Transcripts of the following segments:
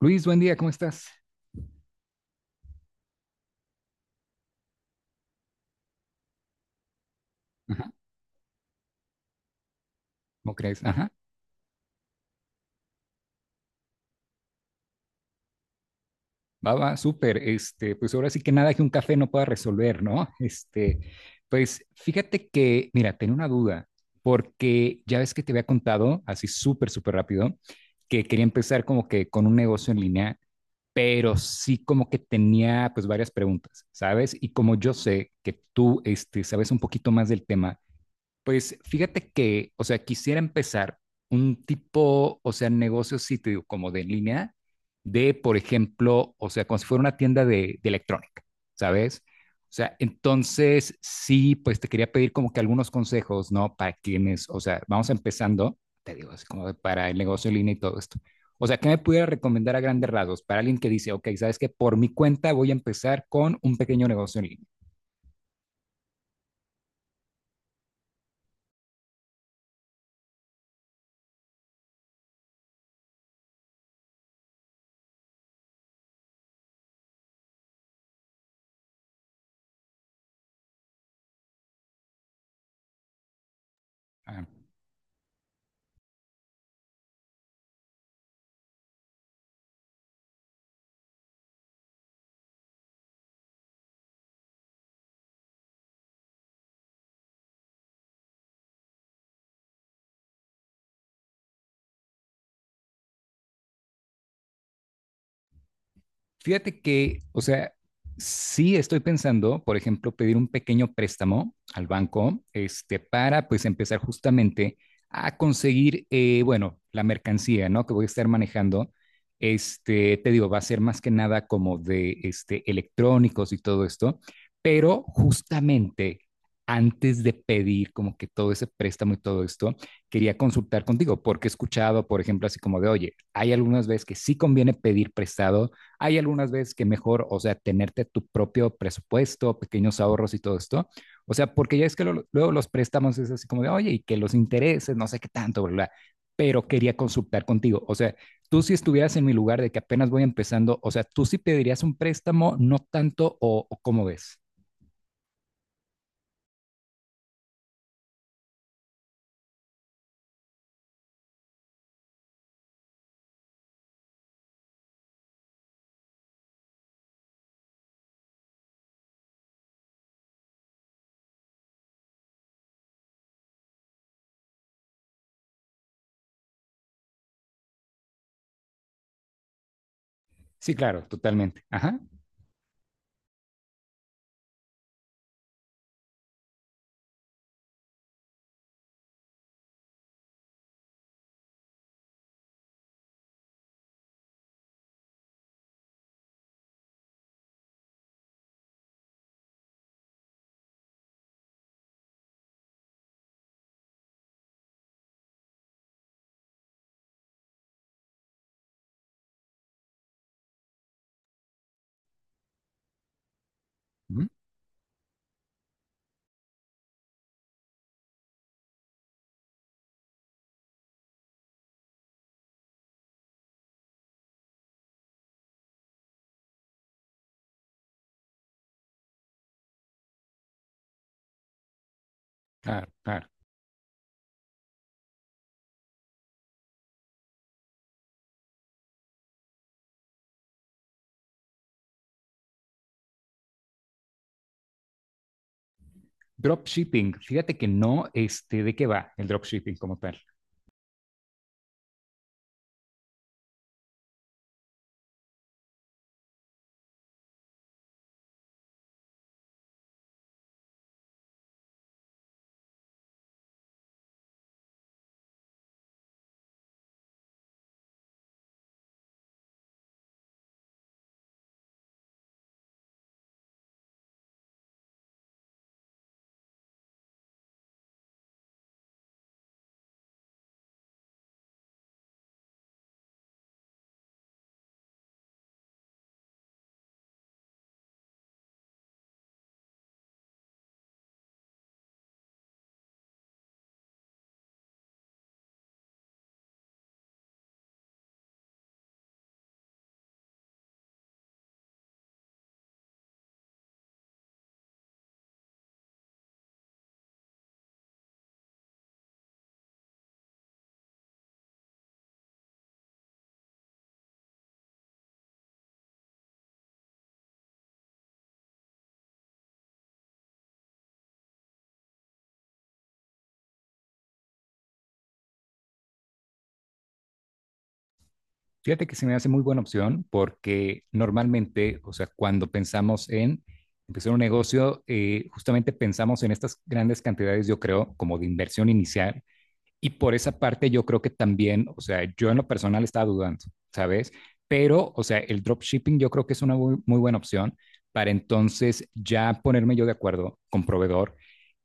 Luis, buen día, ¿cómo estás? Ajá. ¿Cómo crees? Ajá. Va, va, súper. Pues ahora sí que nada que un café no pueda resolver, ¿no? Pues fíjate que, mira, tenía una duda, porque ya ves que te había contado, así súper, súper rápido, que quería empezar como que con un negocio en línea, pero sí como que tenía pues varias preguntas, ¿sabes? Y como yo sé que tú, sabes un poquito más del tema. Pues fíjate que, o sea, quisiera empezar un tipo, o sea, negocio sitio como de en línea, de, por ejemplo, o sea, como si fuera una tienda de electrónica, ¿sabes? O sea, entonces sí, pues te quería pedir como que algunos consejos, ¿no? Para quienes, o sea, vamos empezando, te digo, así como de para el negocio en línea y todo esto. O sea, ¿qué me pudiera recomendar a grandes rasgos para alguien que dice, ok, sabes que por mi cuenta voy a empezar con un pequeño negocio en línea? Fíjate que, o sea, sí estoy pensando, por ejemplo, pedir un pequeño préstamo al banco, para pues empezar justamente a conseguir, bueno, la mercancía, ¿no? Que voy a estar manejando. Te digo, va a ser más que nada como de electrónicos y todo esto, pero justamente antes de pedir como que todo ese préstamo y todo esto, quería consultar contigo, porque he escuchado, por ejemplo, así como de, oye, hay algunas veces que sí conviene pedir prestado, hay algunas veces que mejor, o sea, tenerte tu propio presupuesto, pequeños ahorros y todo esto. O sea, porque ya es que luego los préstamos es así como de, oye, y que los intereses, no sé qué tanto, bla, bla. Pero quería consultar contigo. O sea, tú si estuvieras en mi lugar de que apenas voy empezando, o sea, tú sí pedirías un préstamo, no tanto, o cómo ves. Sí, claro, totalmente. Ajá. Ujú. Claro, claro. Dropshipping, fíjate que no, ¿de qué va el dropshipping como tal? Fíjate que se me hace muy buena opción porque normalmente, o sea, cuando pensamos en empezar un negocio, justamente pensamos en estas grandes cantidades, yo creo, como de inversión inicial. Y por esa parte yo creo que también, o sea, yo en lo personal estaba dudando, ¿sabes? Pero, o sea, el dropshipping yo creo que es una muy, muy buena opción para entonces ya ponerme yo de acuerdo con proveedor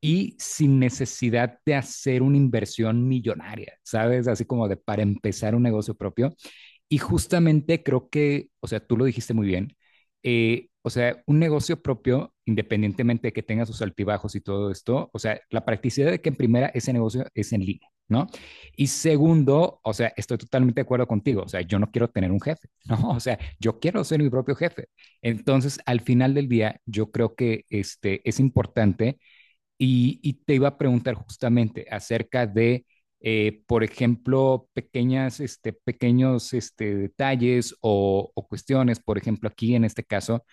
y sin necesidad de hacer una inversión millonaria, ¿sabes? Así como de para empezar un negocio propio y justamente creo que, o sea, tú lo dijiste muy bien, o sea, un negocio propio, independientemente de que tenga sus altibajos y todo esto, o sea, la practicidad de que en primera ese negocio es en línea, ¿no? Y segundo, o sea, estoy totalmente de acuerdo contigo, o sea, yo no quiero tener un jefe, ¿no? O sea, yo quiero ser mi propio jefe. Entonces, al final del día, yo creo que es importante y te iba a preguntar justamente acerca de, por ejemplo, pequeños detalles o cuestiones, por ejemplo, aquí en este caso,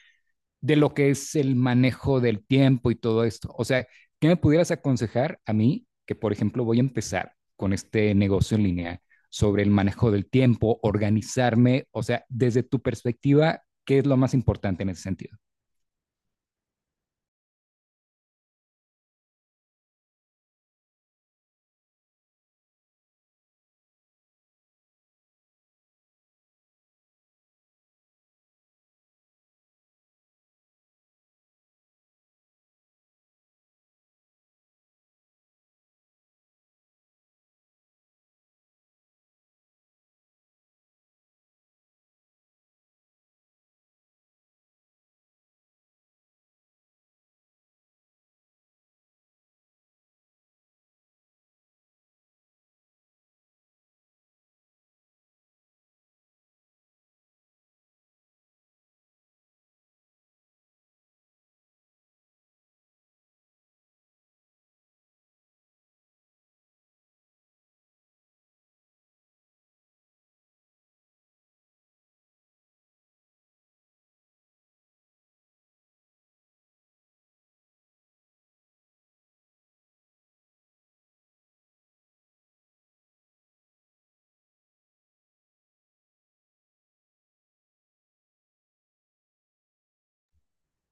de lo que es el manejo del tiempo y todo esto. O sea, ¿qué me pudieras aconsejar a mí que, por ejemplo, voy a empezar con este negocio en línea sobre el manejo del tiempo, organizarme? O sea, desde tu perspectiva, ¿qué es lo más importante en ese sentido?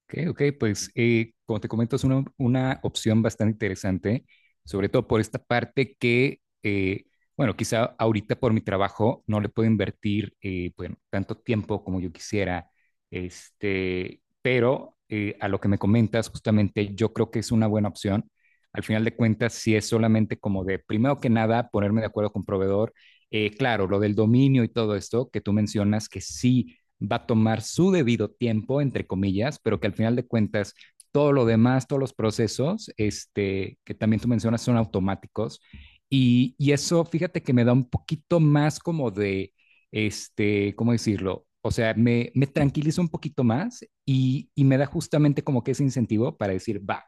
Ok, ok, pues como te comento, es una opción bastante interesante, sobre todo por esta parte que, bueno, quizá ahorita por mi trabajo no le puedo invertir bueno, tanto tiempo como yo quisiera, pero a lo que me comentas, justamente yo creo que es una buena opción. Al final de cuentas, si es solamente como de, primero que nada, ponerme de acuerdo con proveedor, claro, lo del dominio y todo esto que tú mencionas, que sí va a tomar su debido tiempo, entre comillas, pero que al final de cuentas todo lo demás, todos los procesos que también tú mencionas son automáticos. Y eso, fíjate que me da un poquito más como de, ¿cómo decirlo? O sea, me tranquiliza un poquito más y me da justamente como que ese incentivo para decir, va,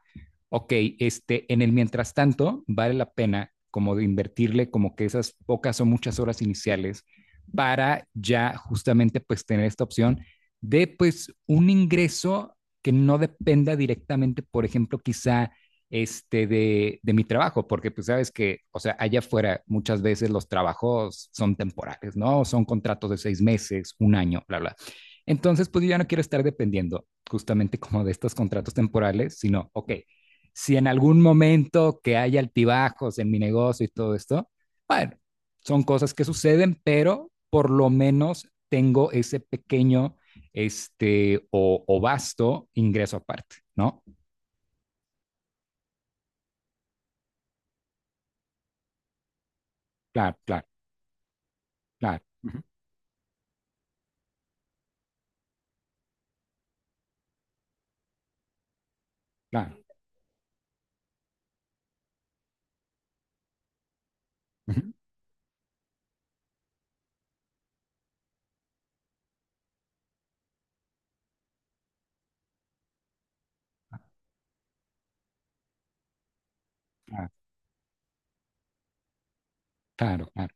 ok, en el mientras tanto, vale la pena como de invertirle como que esas pocas o muchas horas iniciales para ya justamente pues tener esta opción de pues un ingreso que no dependa directamente, por ejemplo, quizá de mi trabajo, porque pues sabes que, o sea, allá afuera muchas veces los trabajos son temporales, ¿no? Son contratos de 6 meses, un año, bla, bla. Entonces, pues yo ya no quiero estar dependiendo justamente como de estos contratos temporales, sino, ok, si en algún momento que haya altibajos en mi negocio y todo esto, bueno, son cosas que suceden, pero por lo menos tengo ese pequeño o vasto ingreso aparte, ¿no? Claro, claro, claro, claro. Ujú. Claro, claro, claro.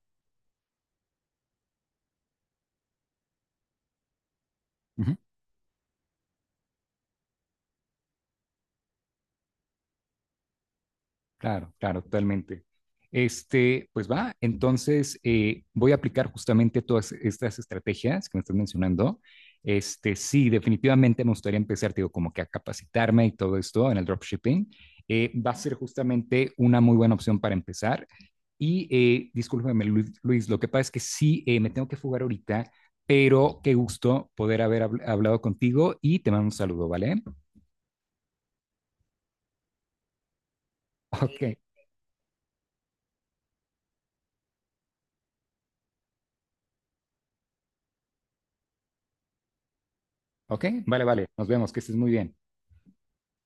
Ujú. Claro, claro, totalmente. Pues va, entonces voy a aplicar justamente todas estas estrategias que me estás mencionando. Sí, definitivamente me gustaría empezar, digo, como que a capacitarme y todo esto en el dropshipping. Va a ser justamente una muy buena opción para empezar. Y discúlpame, Luis, lo que pasa es que sí, me tengo que fugar ahorita, pero qué gusto poder haber hablado contigo y te mando un saludo, ¿vale? Ok, ok, vale, vale, nos vemos, que estés muy bien.